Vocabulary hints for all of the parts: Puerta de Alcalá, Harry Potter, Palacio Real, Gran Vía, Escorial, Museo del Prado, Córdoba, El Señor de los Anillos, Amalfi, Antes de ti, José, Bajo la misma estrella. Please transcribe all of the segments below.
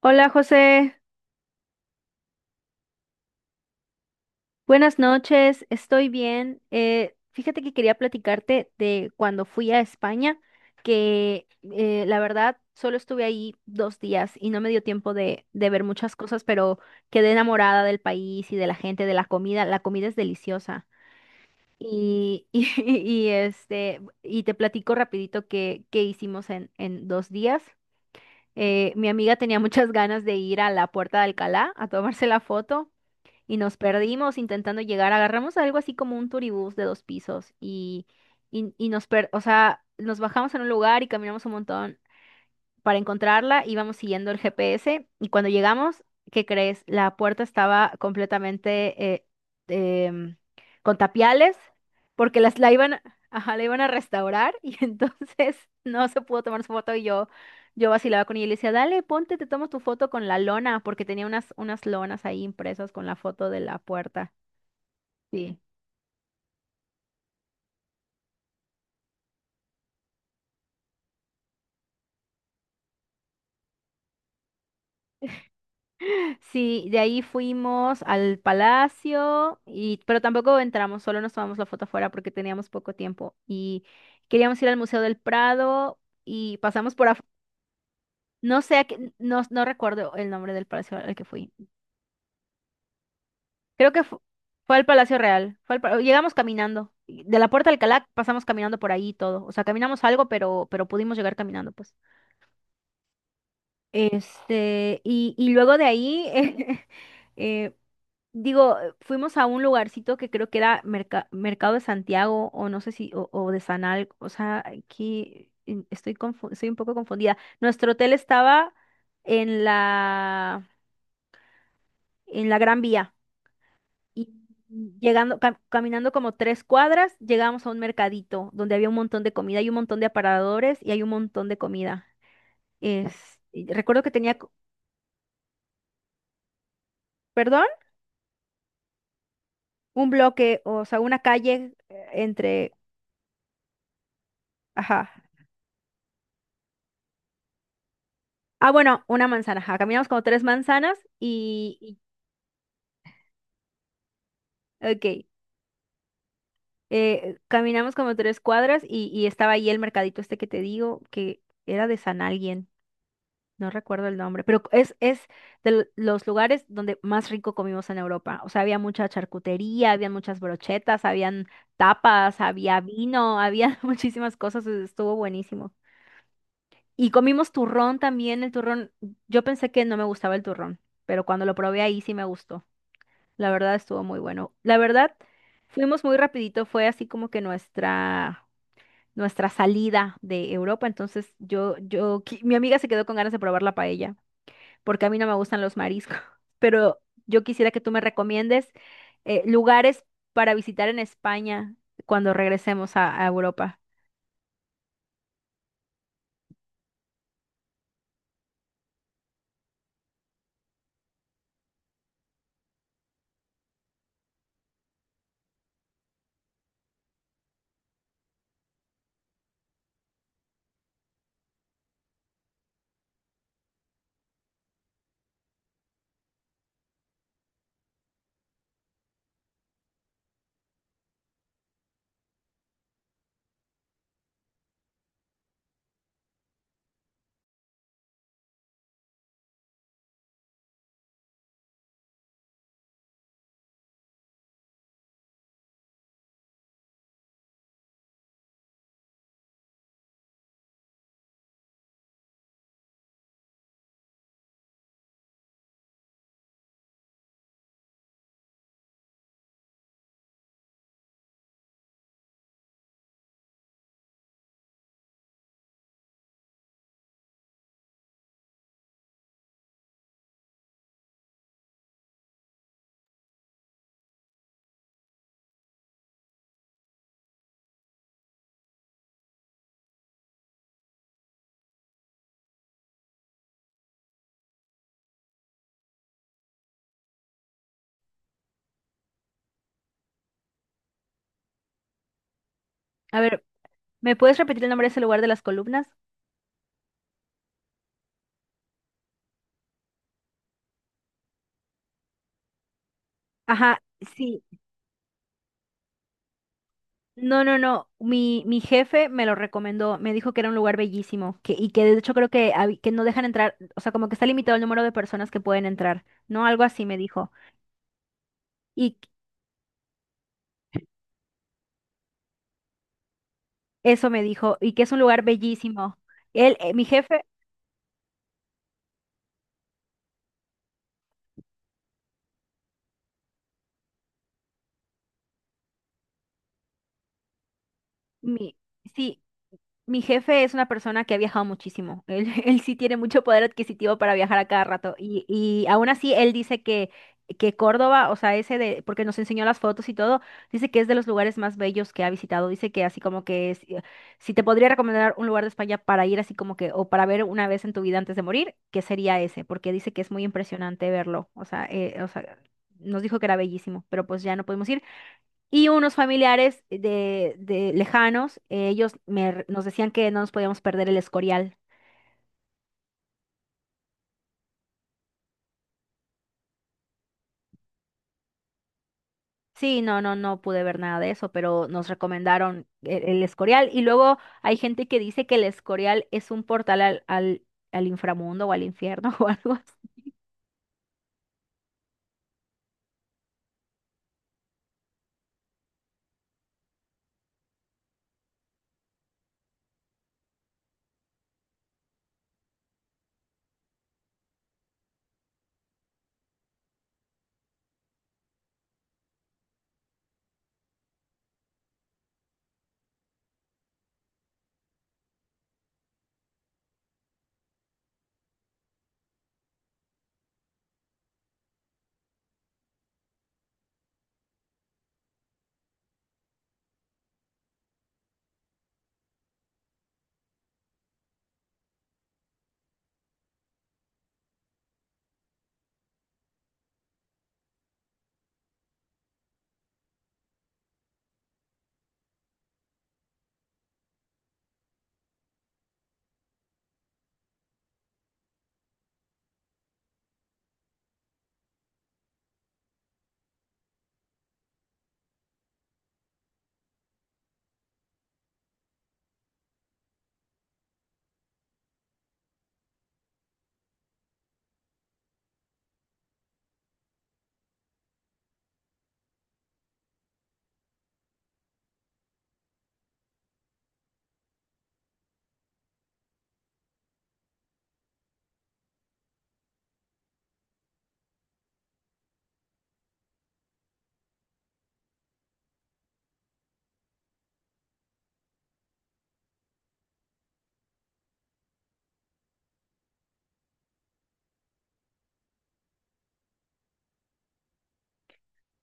Hola José, buenas noches, estoy bien. Fíjate que quería platicarte de cuando fui a España, que la verdad solo estuve ahí dos días y no me dio tiempo de ver muchas cosas, pero quedé enamorada del país y de la gente, de la comida. La comida es deliciosa. Y te platico rapidito qué hicimos en dos días. Mi amiga tenía muchas ganas de ir a la Puerta de Alcalá a tomarse la foto. Y nos perdimos intentando llegar. Agarramos algo así como un turibús de dos pisos y, o sea, nos bajamos en un lugar y caminamos un montón para encontrarla, íbamos siguiendo el GPS y cuando llegamos, ¿qué crees? La puerta estaba completamente em, con tapiales porque la iban, ajá, la iban a restaurar y entonces no se pudo tomar su foto yo vacilaba con ella y le decía, dale, ponte, te tomo tu foto con la lona porque tenía unas lonas ahí impresas con la foto de la puerta. Sí. Sí, de ahí fuimos al palacio y pero tampoco entramos, solo nos tomamos la foto afuera porque teníamos poco tiempo y queríamos ir al Museo del Prado y pasamos por no sé, no, no recuerdo el nombre del palacio al que fui. Creo que fu- Fue al Palacio Real. Fue al llegamos caminando y de la Puerta de Alcalá, pasamos caminando por ahí y todo. O sea, caminamos algo, pero pudimos llegar caminando, pues. Y luego de ahí eh, fuimos a un lugarcito que creo que era Mercado de Santiago o no sé si, o de Sanal, o sea, aquí estoy un poco confundida. Nuestro hotel estaba en la, en la Gran Vía y llegando, caminando como tres cuadras, llegamos a un mercadito donde había un montón de comida, hay un montón de aparadores y hay un montón de comida. Y recuerdo que tenía, perdón, un bloque, o sea, una calle entre. Ajá. Ah, bueno, una manzana. Ajá, caminamos como tres manzanas ok, caminamos como tres cuadras y estaba ahí el mercadito este que te digo, que era de San Alguien, no recuerdo el nombre, pero es de los lugares donde más rico comimos en Europa. O sea, había mucha charcutería, había muchas brochetas, habían tapas, había vino, había muchísimas cosas, estuvo buenísimo. Y comimos turrón también, el turrón, yo pensé que no me gustaba el turrón, pero cuando lo probé ahí sí me gustó. La verdad estuvo muy bueno. La verdad, fuimos muy rapidito, fue así como que nuestra salida de Europa, entonces mi amiga se quedó con ganas de probar la paella, porque a mí no me gustan los mariscos, pero yo quisiera que tú me recomiendes lugares para visitar en España cuando regresemos a Europa. A ver, ¿me puedes repetir el nombre de ese lugar de las columnas? Ajá, sí. No, no, no. Mi jefe me lo recomendó. Me dijo que era un lugar bellísimo. Que, y que de hecho creo que, que no dejan entrar. O sea, como que está limitado el número de personas que pueden entrar. No, algo así me dijo. Y eso me dijo. Y que es un lugar bellísimo. Mi jefe, mi, sí, mi jefe es una persona que ha viajado muchísimo. Él, él sí tiene mucho poder adquisitivo para viajar a cada rato. Y aún así, él dice que Córdoba, o sea, ese de, porque nos enseñó las fotos y todo, dice que es de los lugares más bellos que ha visitado. Dice que así como que si te podría recomendar un lugar de España para ir así como que, o para ver una vez en tu vida antes de morir, que sería ese, porque dice que es muy impresionante verlo. Nos dijo que era bellísimo, pero pues ya no pudimos ir. Y unos familiares de lejanos, nos decían que no nos podíamos perder el Escorial. Sí, no, no, no pude ver nada de eso, pero nos recomendaron Escorial. Y luego hay gente que dice que el Escorial es un portal al inframundo o al infierno o algo así.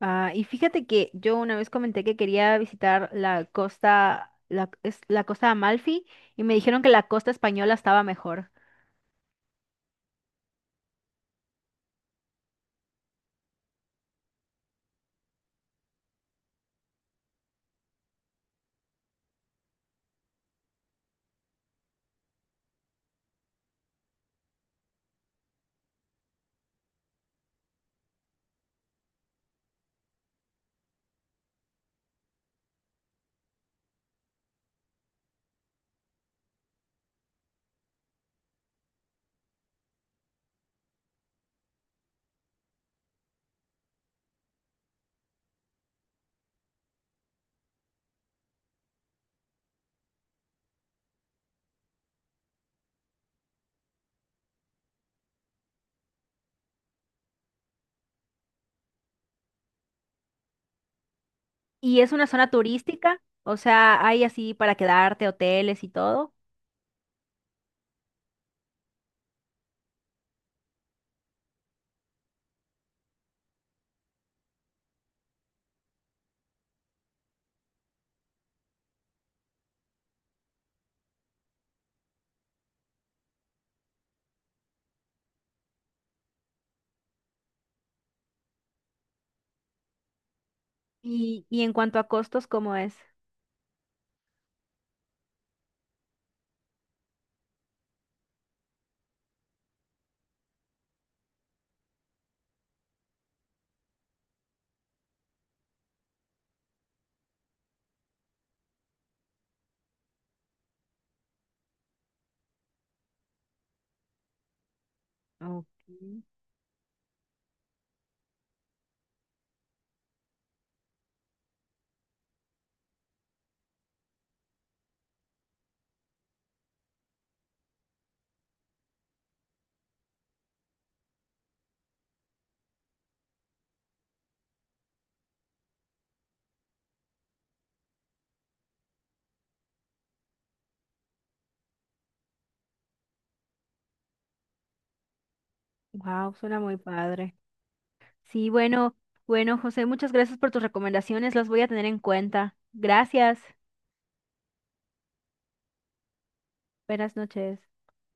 Ah, y fíjate que yo una vez comenté que quería visitar la costa, es la costa de Amalfi, y me dijeron que la costa española estaba mejor. Y es una zona turística, o sea, hay así para quedarte, hoteles y todo. Y en cuanto a costos, ¿cómo es? Ok. Wow, suena muy padre. Sí, bueno, bueno, José, muchas gracias por tus recomendaciones, las voy a tener en cuenta. Gracias. Buenas noches.